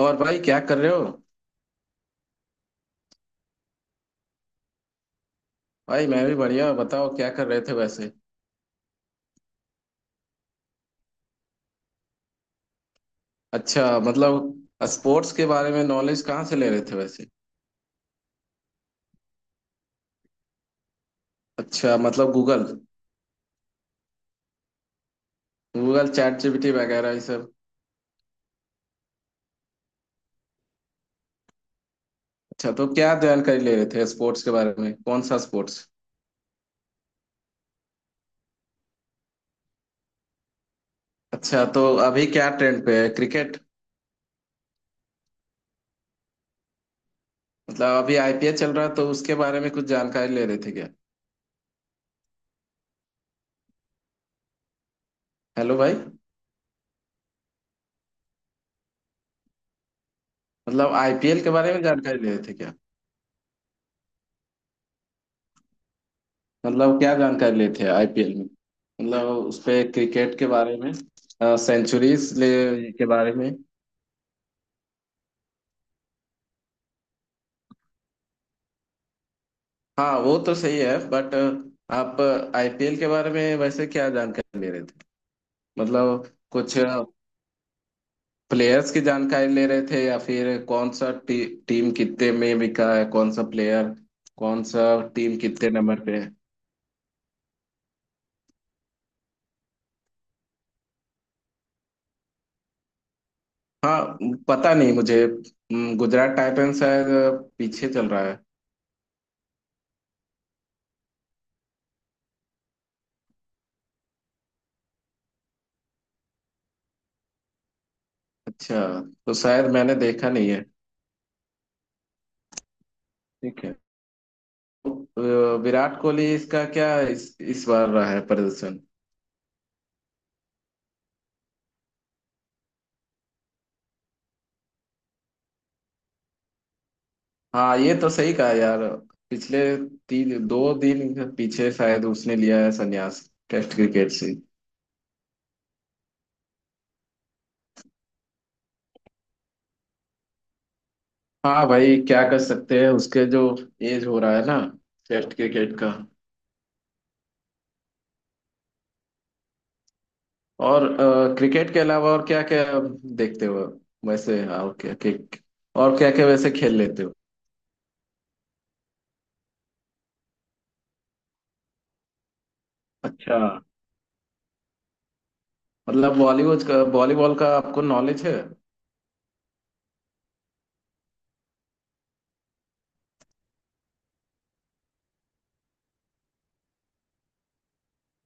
और भाई क्या कर रहे हो? भाई मैं भी बढ़िया, बताओ क्या कर रहे थे वैसे। अच्छा, मतलब स्पोर्ट्स के बारे में नॉलेज कहाँ से ले रहे थे वैसे? अच्छा, मतलब गूगल। गूगल, चैट जीपीटी वगैरह ये सब? अच्छा, तो क्या जानकारी ले रहे थे स्पोर्ट्स के बारे में, कौन सा स्पोर्ट्स? अच्छा, तो अभी क्या ट्रेंड पे है, क्रिकेट? मतलब अभी आईपीएल चल रहा है तो उसके बारे में कुछ जानकारी ले रहे थे क्या? हेलो भाई। मतलब आईपीएल के बारे में जानकारी ले रहे थे क्या? मतलब क्या जानकारी लेते हैं आईपीएल में, मतलब उस पे क्रिकेट के बारे में, सेंचुरीज ले के बारे में? हाँ वो तो सही है बट आप आईपीएल के बारे में वैसे क्या जानकारी ले रहे थे? मतलब कुछ प्लेयर्स की जानकारी ले रहे थे या फिर कौन सा टीम कितने में बिका है कौन सा प्लेयर, कौन सा टीम कितने नंबर पे है? हाँ पता नहीं मुझे, गुजरात टाइटंस शायद पीछे चल रहा है। अच्छा, तो शायद मैंने देखा नहीं है। ठीक है। अ, विराट कोहली इसका क्या इस बार रहा है प्रदर्शन? हाँ ये तो सही कहा यार। पिछले तीन दो दिन पीछे शायद उसने लिया है संन्यास, टेस्ट क्रिकेट से। हाँ भाई क्या कर सकते हैं, उसके जो एज हो रहा है ना टेस्ट क्रिकेट का। और क्रिकेट के अलावा और क्या क्या देखते हो वैसे? हाँ, और क्या क्या, और क्या क्या वैसे खेल लेते हो? अच्छा, मतलब बॉलीवुड का, बॉलीबॉल का आपको नॉलेज है?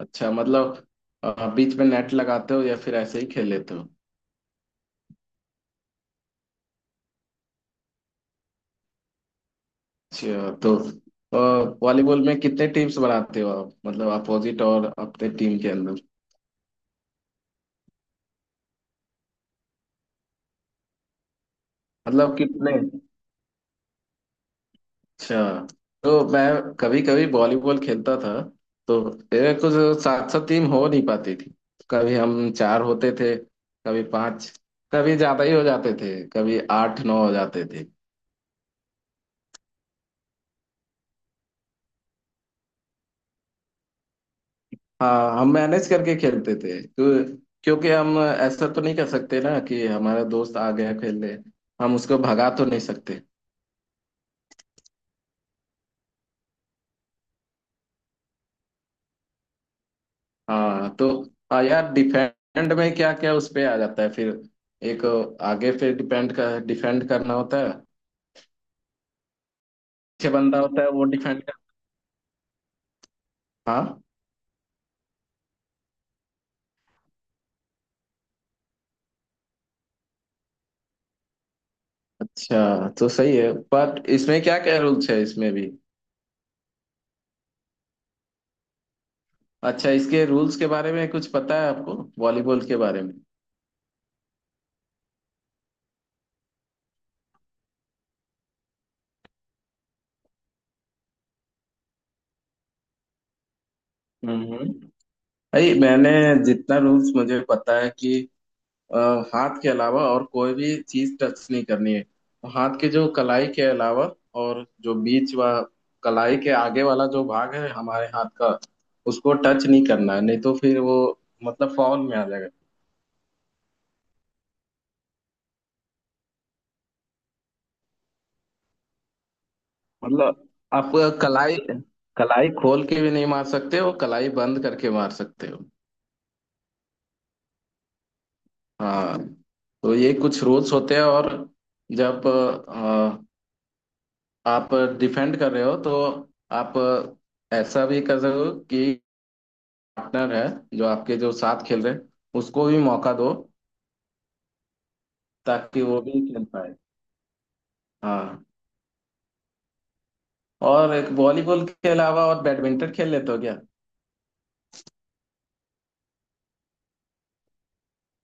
अच्छा, मतलब बीच में नेट लगाते हो या फिर ऐसे ही खेल लेते हो? अच्छा, तो वॉलीबॉल में कितने टीम्स बनाते हो आप, मतलब अपोजिट और अपने टीम के अंदर? मतलब कितने? अच्छा, तो मैं कभी कभी वॉलीबॉल खेलता था तो मेरे कुछ सात सात टीम हो नहीं पाती थी। कभी हम चार होते थे, कभी पांच, कभी ज्यादा ही हो जाते थे, कभी आठ नौ हो जाते थे। हाँ हम मैनेज करके खेलते थे तो, क्योंकि हम ऐसा तो नहीं कर सकते ना कि हमारा दोस्त आ गया खेलने, हम उसको भगा तो नहीं सकते। हाँ तो, हाँ यार डिफेंड में क्या क्या उस पे आ जाता है फिर, एक आगे पे डिपेंड कर, डिफेंड करना होता है, पीछे बंदा होता है वो डिफेंड कर। हाँ। अच्छा, तो सही है बट इसमें क्या क्या रूल्स है इसमें भी? अच्छा, इसके रूल्स के बारे में कुछ पता है आपको वॉलीबॉल के बारे में? हम्म। भाई मैंने, जितना रूल्स मुझे पता है कि, अ, हाथ के अलावा और कोई भी चीज टच नहीं करनी है, तो हाथ के जो कलाई के अलावा, और जो बीच व कलाई के आगे वाला जो भाग है हमारे हाथ का, उसको टच नहीं करना है, नहीं तो फिर वो मतलब फाउल में आ जाएगा। मतलब आप कलाई, कलाई खोल के भी नहीं मार सकते हो, कलाई बंद करके मार सकते हो। हाँ, तो ये कुछ रूल्स होते हैं। और जब आप डिफेंड कर रहे हो तो आप ऐसा भी कर रहे हो कि पार्टनर है जो आपके जो साथ खेल रहे हैं उसको भी मौका दो, ताकि वो भी खेल पाए। हाँ। और एक वॉलीबॉल के अलावा और बैडमिंटन खेल लेते हो क्या?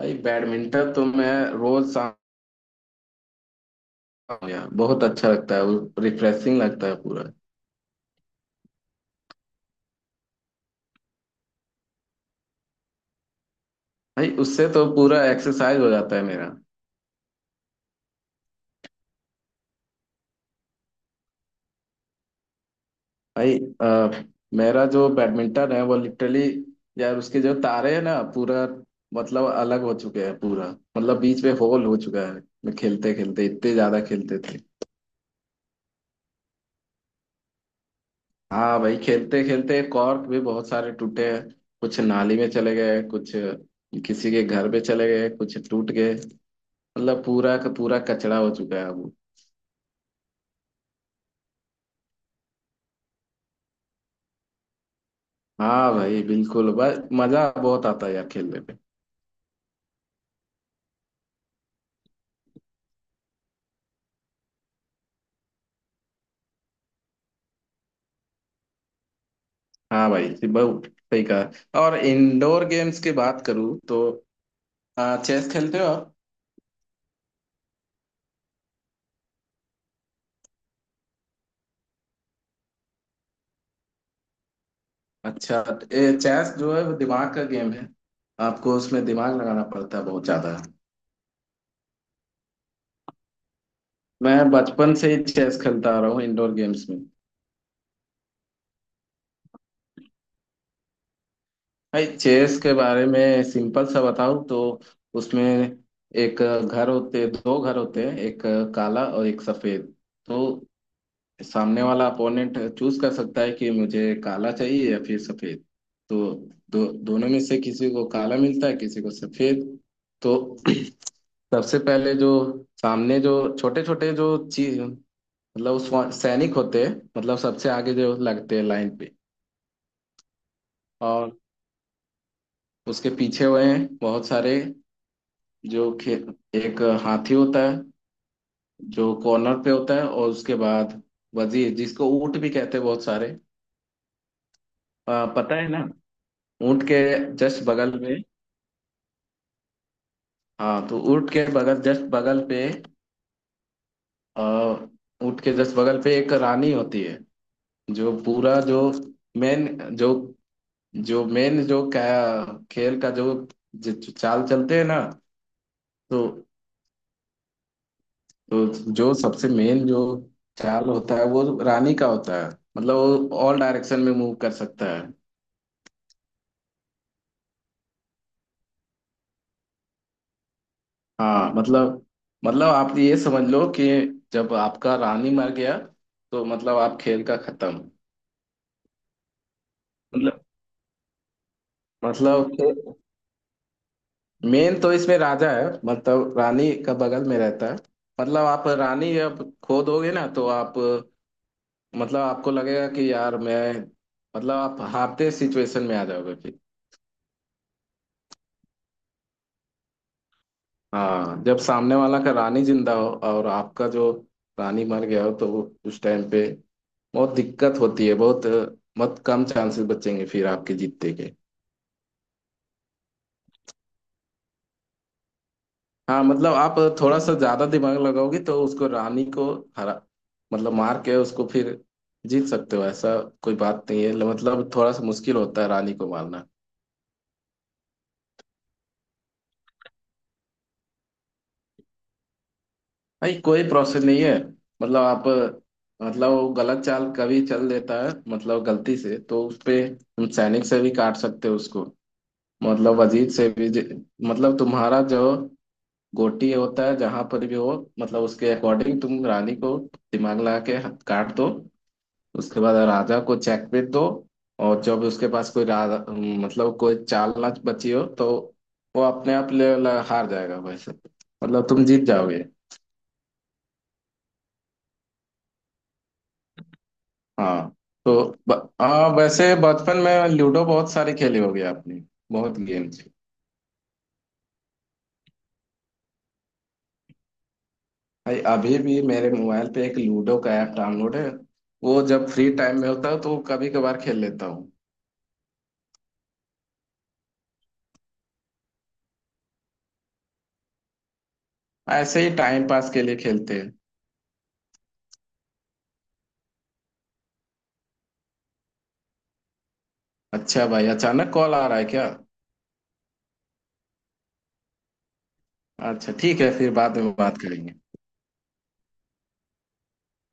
भाई बैडमिंटन तो मैं रोज शाम, यार बहुत अच्छा लगता है, रिफ्रेशिंग लगता है पूरा। भाई उससे तो पूरा एक्सरसाइज हो जाता है मेरा। भाई मेरा जो बैडमिंटन है वो लिटरली, यार उसके जो तारे हैं ना पूरा मतलब अलग हो चुके हैं पूरा, मतलब बीच में होल हो चुका है। मैं खेलते खेलते इतने ज्यादा खेलते थे। हाँ भाई खेलते खेलते कॉर्क भी बहुत सारे टूटे हैं, कुछ नाली में चले गए, कुछ किसी के घर पे चले गए, कुछ टूट गए। मतलब पूरा का पूरा कचरा हो चुका है अब। हाँ भाई बिल्कुल, बस मजा बहुत आता है यार खेलने में। हाँ भाई जी, बहुत सही कहा। और इंडोर गेम्स की बात करूँ तो चेस खेलते हो आप? अच्छा। चेस जो है वो दिमाग का गेम है, आपको उसमें दिमाग लगाना पड़ता है बहुत ज्यादा। मैं बचपन से ही चेस खेलता आ रहा हूँ इंडोर गेम्स में। भाई चेस के बारे में सिंपल सा बताऊं तो, उसमें एक घर होते, दो घर होते हैं, एक काला और एक सफेद। तो सामने वाला अपोनेंट चूज कर सकता है कि मुझे काला चाहिए या फिर सफेद। तो दो दोनों में से किसी को काला मिलता है, किसी को सफेद। तो सबसे पहले जो सामने जो छोटे छोटे जो चीज, मतलब उस, सैनिक होते हैं मतलब, सबसे आगे जो लगते हैं लाइन पे। और उसके पीछे हुए हैं बहुत सारे, जो खे, एक हाथी होता है जो कॉर्नर पे होता है। और उसके बाद वजीर जिसको ऊंट भी कहते हैं बहुत सारे। पता है ना, ऊंट के जस्ट बगल में। हाँ तो ऊंट के बगल, जस्ट बगल पे, आ, ऊंट के जस्ट बगल पे एक रानी होती है, जो पूरा जो मेन जो, जो मेन जो क्या खेल का जो, जो चाल चलते हैं ना, तो तो जो सबसे मेन जो चाल होता है वो रानी का होता है। मतलब वो ऑल डायरेक्शन में मूव कर सकता है। हाँ मतलब, आप ये समझ लो कि जब आपका रानी मर गया तो मतलब आप खेल का खत्म। मतलब, मतलब मेन तो इसमें राजा है, मतलब रानी का बगल में रहता है। मतलब आप रानी जब खो दोगे ना तो आप, मतलब आपको लगेगा कि यार मैं, मतलब आप हारते सिचुएशन में आ जाओगे। हाँ जब सामने वाला का रानी जिंदा हो और आपका जो रानी मर गया हो तो, उस टाइम पे बहुत दिक्कत होती है बहुत, मत कम चांसेस बचेंगे फिर आपके जीतने के। हाँ मतलब आप थोड़ा सा ज्यादा दिमाग लगाओगे तो उसको, रानी को हरा, मतलब मार के उसको फिर जीत सकते हो, ऐसा कोई बात नहीं है। मतलब थोड़ा सा मुश्किल होता है रानी को मारना। भाई कोई प्रोसेस नहीं है, मतलब आप, मतलब वो गलत चाल कभी चल देता है, मतलब गलती से। तो उस पे हम सैनिक से भी काट सकते हो उसको, मतलब अजीत से भी। मतलब तुम्हारा जो गोटी होता है जहां पर भी हो, मतलब उसके अकॉर्डिंग तुम रानी को दिमाग लगा के काट दो। उसके बाद राजा को चेकमेट दो। और जब उसके पास कोई राजा, मतलब कोई चाल ना बची हो, तो वो अपने आप हार जाएगा वैसे, मतलब तुम जीत जाओगे। हाँ तो ब- हाँ वैसे बचपन में लूडो बहुत सारे खेले होगे आपने, बहुत गेम्स। भाई अभी भी मेरे मोबाइल पे एक लूडो का ऐप डाउनलोड है, वो जब फ्री टाइम में होता है तो कभी कभार खेल लेता हूँ, ऐसे ही टाइम पास के लिए खेलते हैं। अच्छा भाई अचानक कॉल आ रहा है क्या? अच्छा ठीक है, फिर बाद में बात करेंगे।